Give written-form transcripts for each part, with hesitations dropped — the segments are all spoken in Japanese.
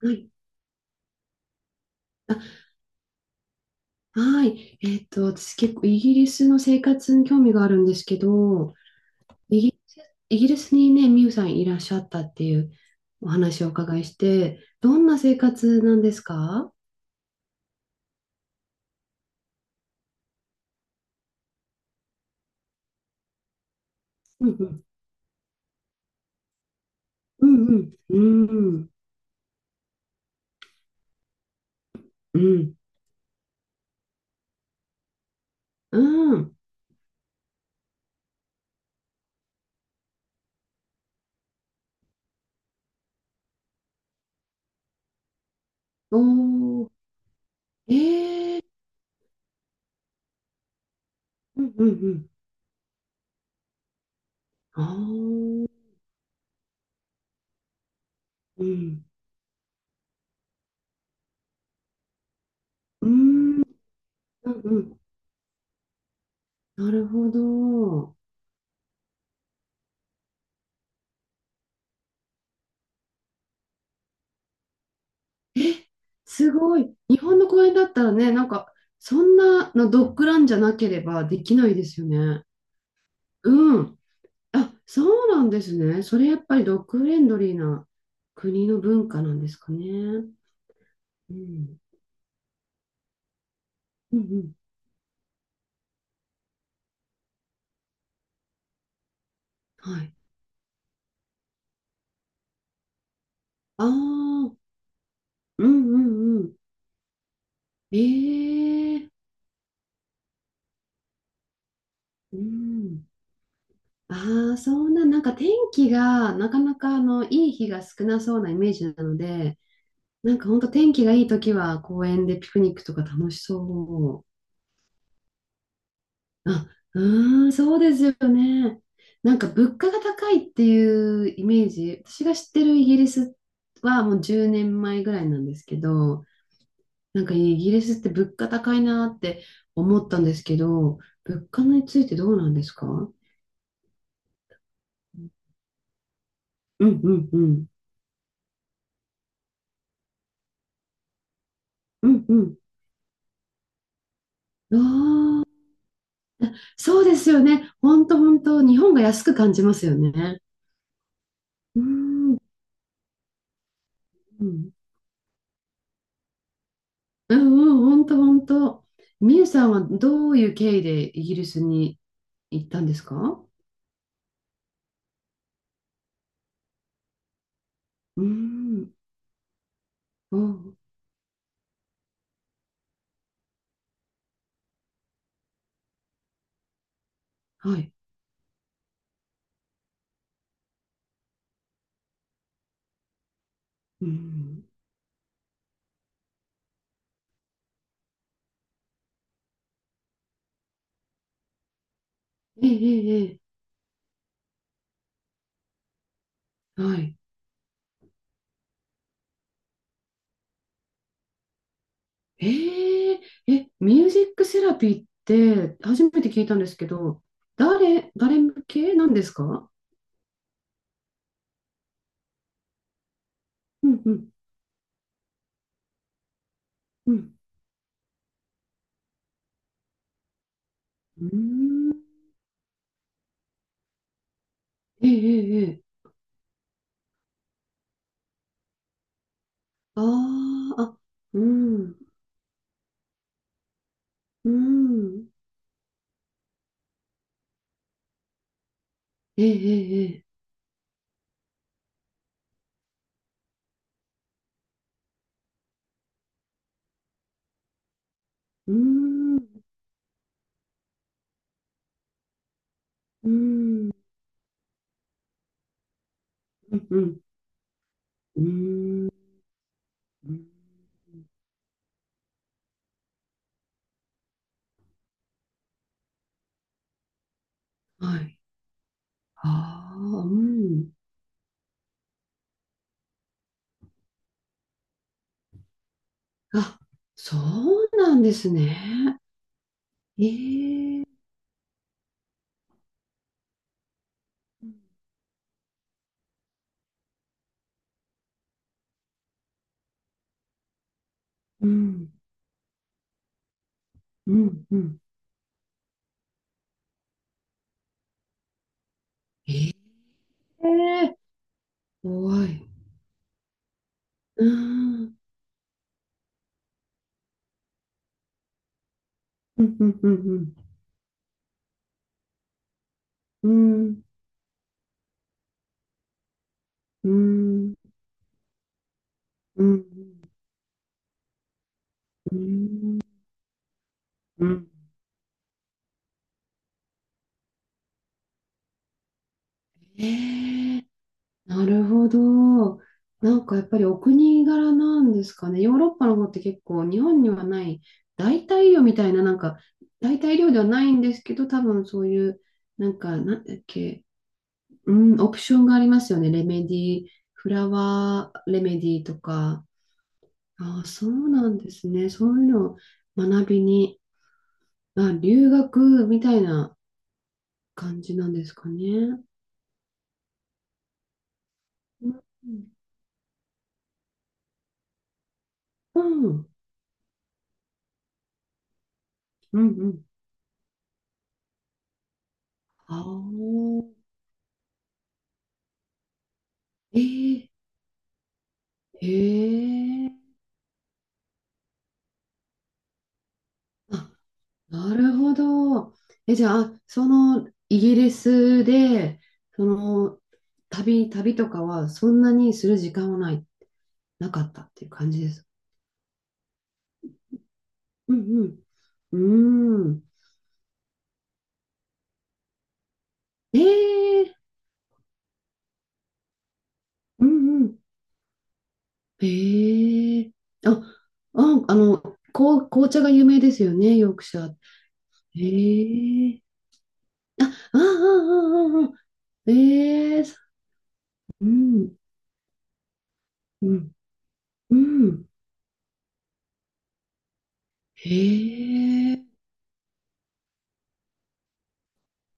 はい。あ、はい。私結構イギリスの生活に興味があるんですけど、イギリス、イギリスにね、ミユさんいらっしゃったっていうお話をお伺いして、どんな生活なんですか？うんうん。うんうん。うんうん。うん。おー。えー。うんうんうん。あー。うん。うん。うんうん。なるほど。え、すごい。日本の公園だったらね、なんか、そんなのドッグランじゃなければできないですよね。うん。あ、そうなんですね。それやっぱりドッグフレンドリーな国の文化なんですかね。うん。うんうん。はい。ああ、うんうんうん。ええ。うん。ああ、そんな、なんか天気がなかなかあのいい日が少なそうなイメージなので、なんか本当天気がいい時は公園でピクニックとか楽しそう。あ、うーん、そうですよね。なんか物価が高いっていうイメージ、私が知ってるイギリスはもう10年前ぐらいなんですけど、なんかイギリスって物価高いなって思ったんですけど、物価についてどうなんですか？うんうんうん。うんうん。ああ、そうですよね。本当本当、日本が安く感じますよね。うーん。うんうんうん、本当本当。みゆさんはどういう経緯でイギリスに行ったんですか？うん、うん、はい。うん、ええ、ええ、ええ、はい。ええ、え、ミュージックセラピーって初めて聞いたんですけど、誰向けなんですか？うんうん、うん。うん、ええ、ええ、ええ。あーあ、うん、うん、ええ、ええ、ええ、うん、うん、うん、うん。うんうん。はい。ああ、うん。あ、そうなんですね。ええ。うん、うん、うん。ええ。怖い。うん、うん、うん、うん、うん、うん、うん、うん、うん。ええ。なるほど。なんかやっぱりお国柄なんですかね。ヨーロッパの方って結構日本にはない代替魚みたいな、なんか代替料ではないんですけど、多分そういう、なんか、なんだっけ、うん、オプションがありますよね。レメディー、フラワーレメディーとか。ああ、そうなんですね。そういうのを学びに、あ、留学みたいな感じなんですかね。うん、うん、うん。うん。ああ、ええ。へえ、あ、なるほど。え、じゃあ、そのイギリスで、その旅とかはそんなにする時間はない、なかったっていう感じです。うんうん。うーん。ええ、うんうん。ええ、あ、あ、あの、こう、紅茶が有名ですよね、ヨークシャー。ええ、ああ、ああ、ああ、ああ。ええ、うん、うん、うん。へえ。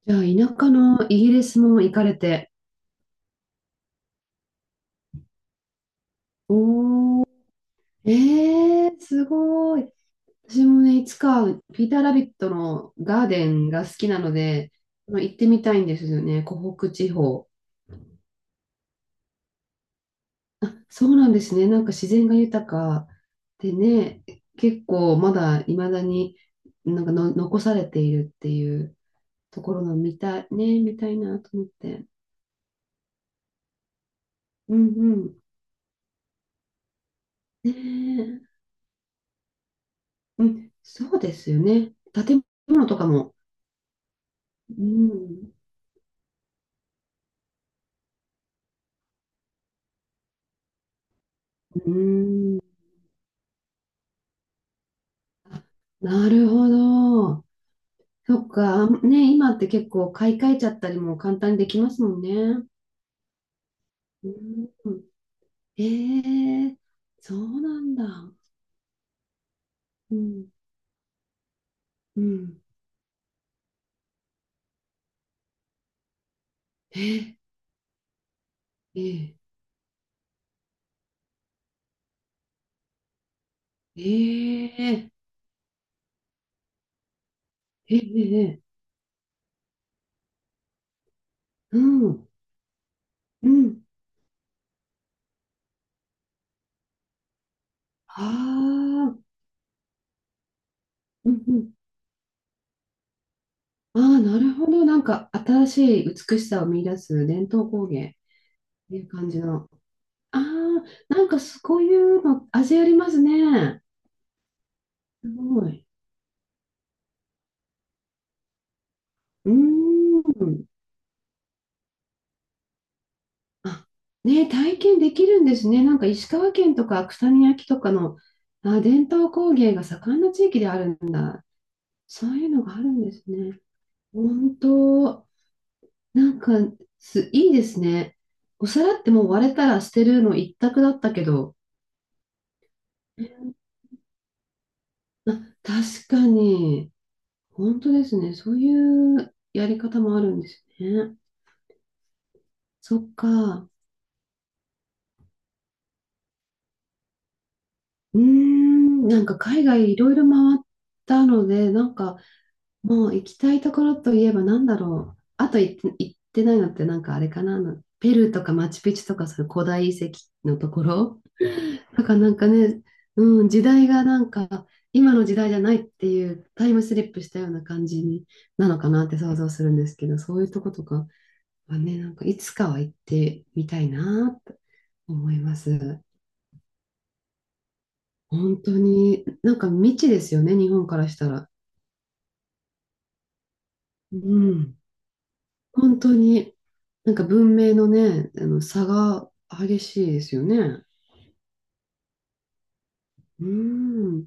じゃあ、田舎のイギリスも行かれて。おー、えー、すごい。私もね、いつか、ピーター・ラビットのガーデンが好きなので、あの行ってみたいんですよね、湖北地方。あ、そうなんですね。なんか自然が豊かでね、結構まだ未だになんかの残されているっていうところの見たい、ね、見たいなと思って。うんうん。ねえ、うん、そうですよね。建物とかも。うん。うん。なるほど。そっか。あね、今って結構買い替えちゃったりも簡単にできますもんね。うん。えー、そうなんだ。うん。うん。えー、えー、えー、えー、えー、うん。うん。ああ、うん、うん。ああ、なるほど。なんか新しい美しさを見出す伝統工芸っていう感じの。ああ、なんかそういうの、味ありますね。すごい。うーん。あ、ね、体験できるんですね。なんか石川県とか草見焼とかの、あ、伝統工芸が盛んな地域であるんだ。そういうのがあるんですね。本当、なんかす、いいですね。お皿ってもう割れたら捨てるの一択だったけど、あ、確かに、本当ですね。そういうやり方もあるんですね。そっか。うーん、なんか海外いろいろ回ったので、なんかもう行きたいところといえばなんだろう。あと行って、行ってないのってなんかあれかな。あのペルーとかマチュピチュとかそういう古代遺跡のところ。だからなんかね、うん、時代がなんか今の時代じゃないっていうタイムスリップしたような感じになのかなって想像するんですけど、そういうとことかはね、なんかいつかは行ってみたいなと思います。本当に、なんか未知ですよね、日本からしたら。うん。本当に、なんか文明のね、あの差が激しいですよね。うん。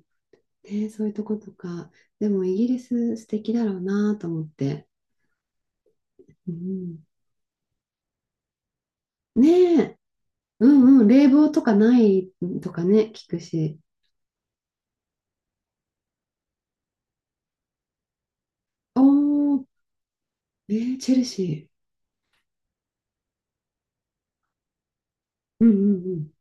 ね、そういうとことか。でもイギリス素敵だろうなと思って。うん。ねえ。うんうん。冷房とかないとかね、聞くし。おー、えーチェルシー。うんうんうん。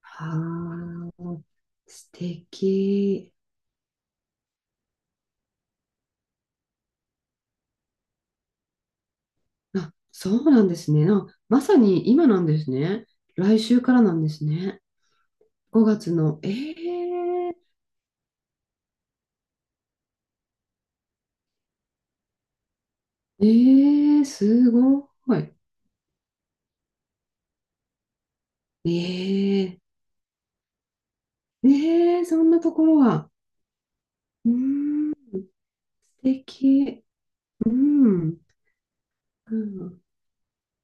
はあ、素敵。あ、そうなんですね。あ、まさに今なんですね。来週からなんですね。5月の、えー、すごい。えー、えー、そんなところは。うーん、素敵。うん。うん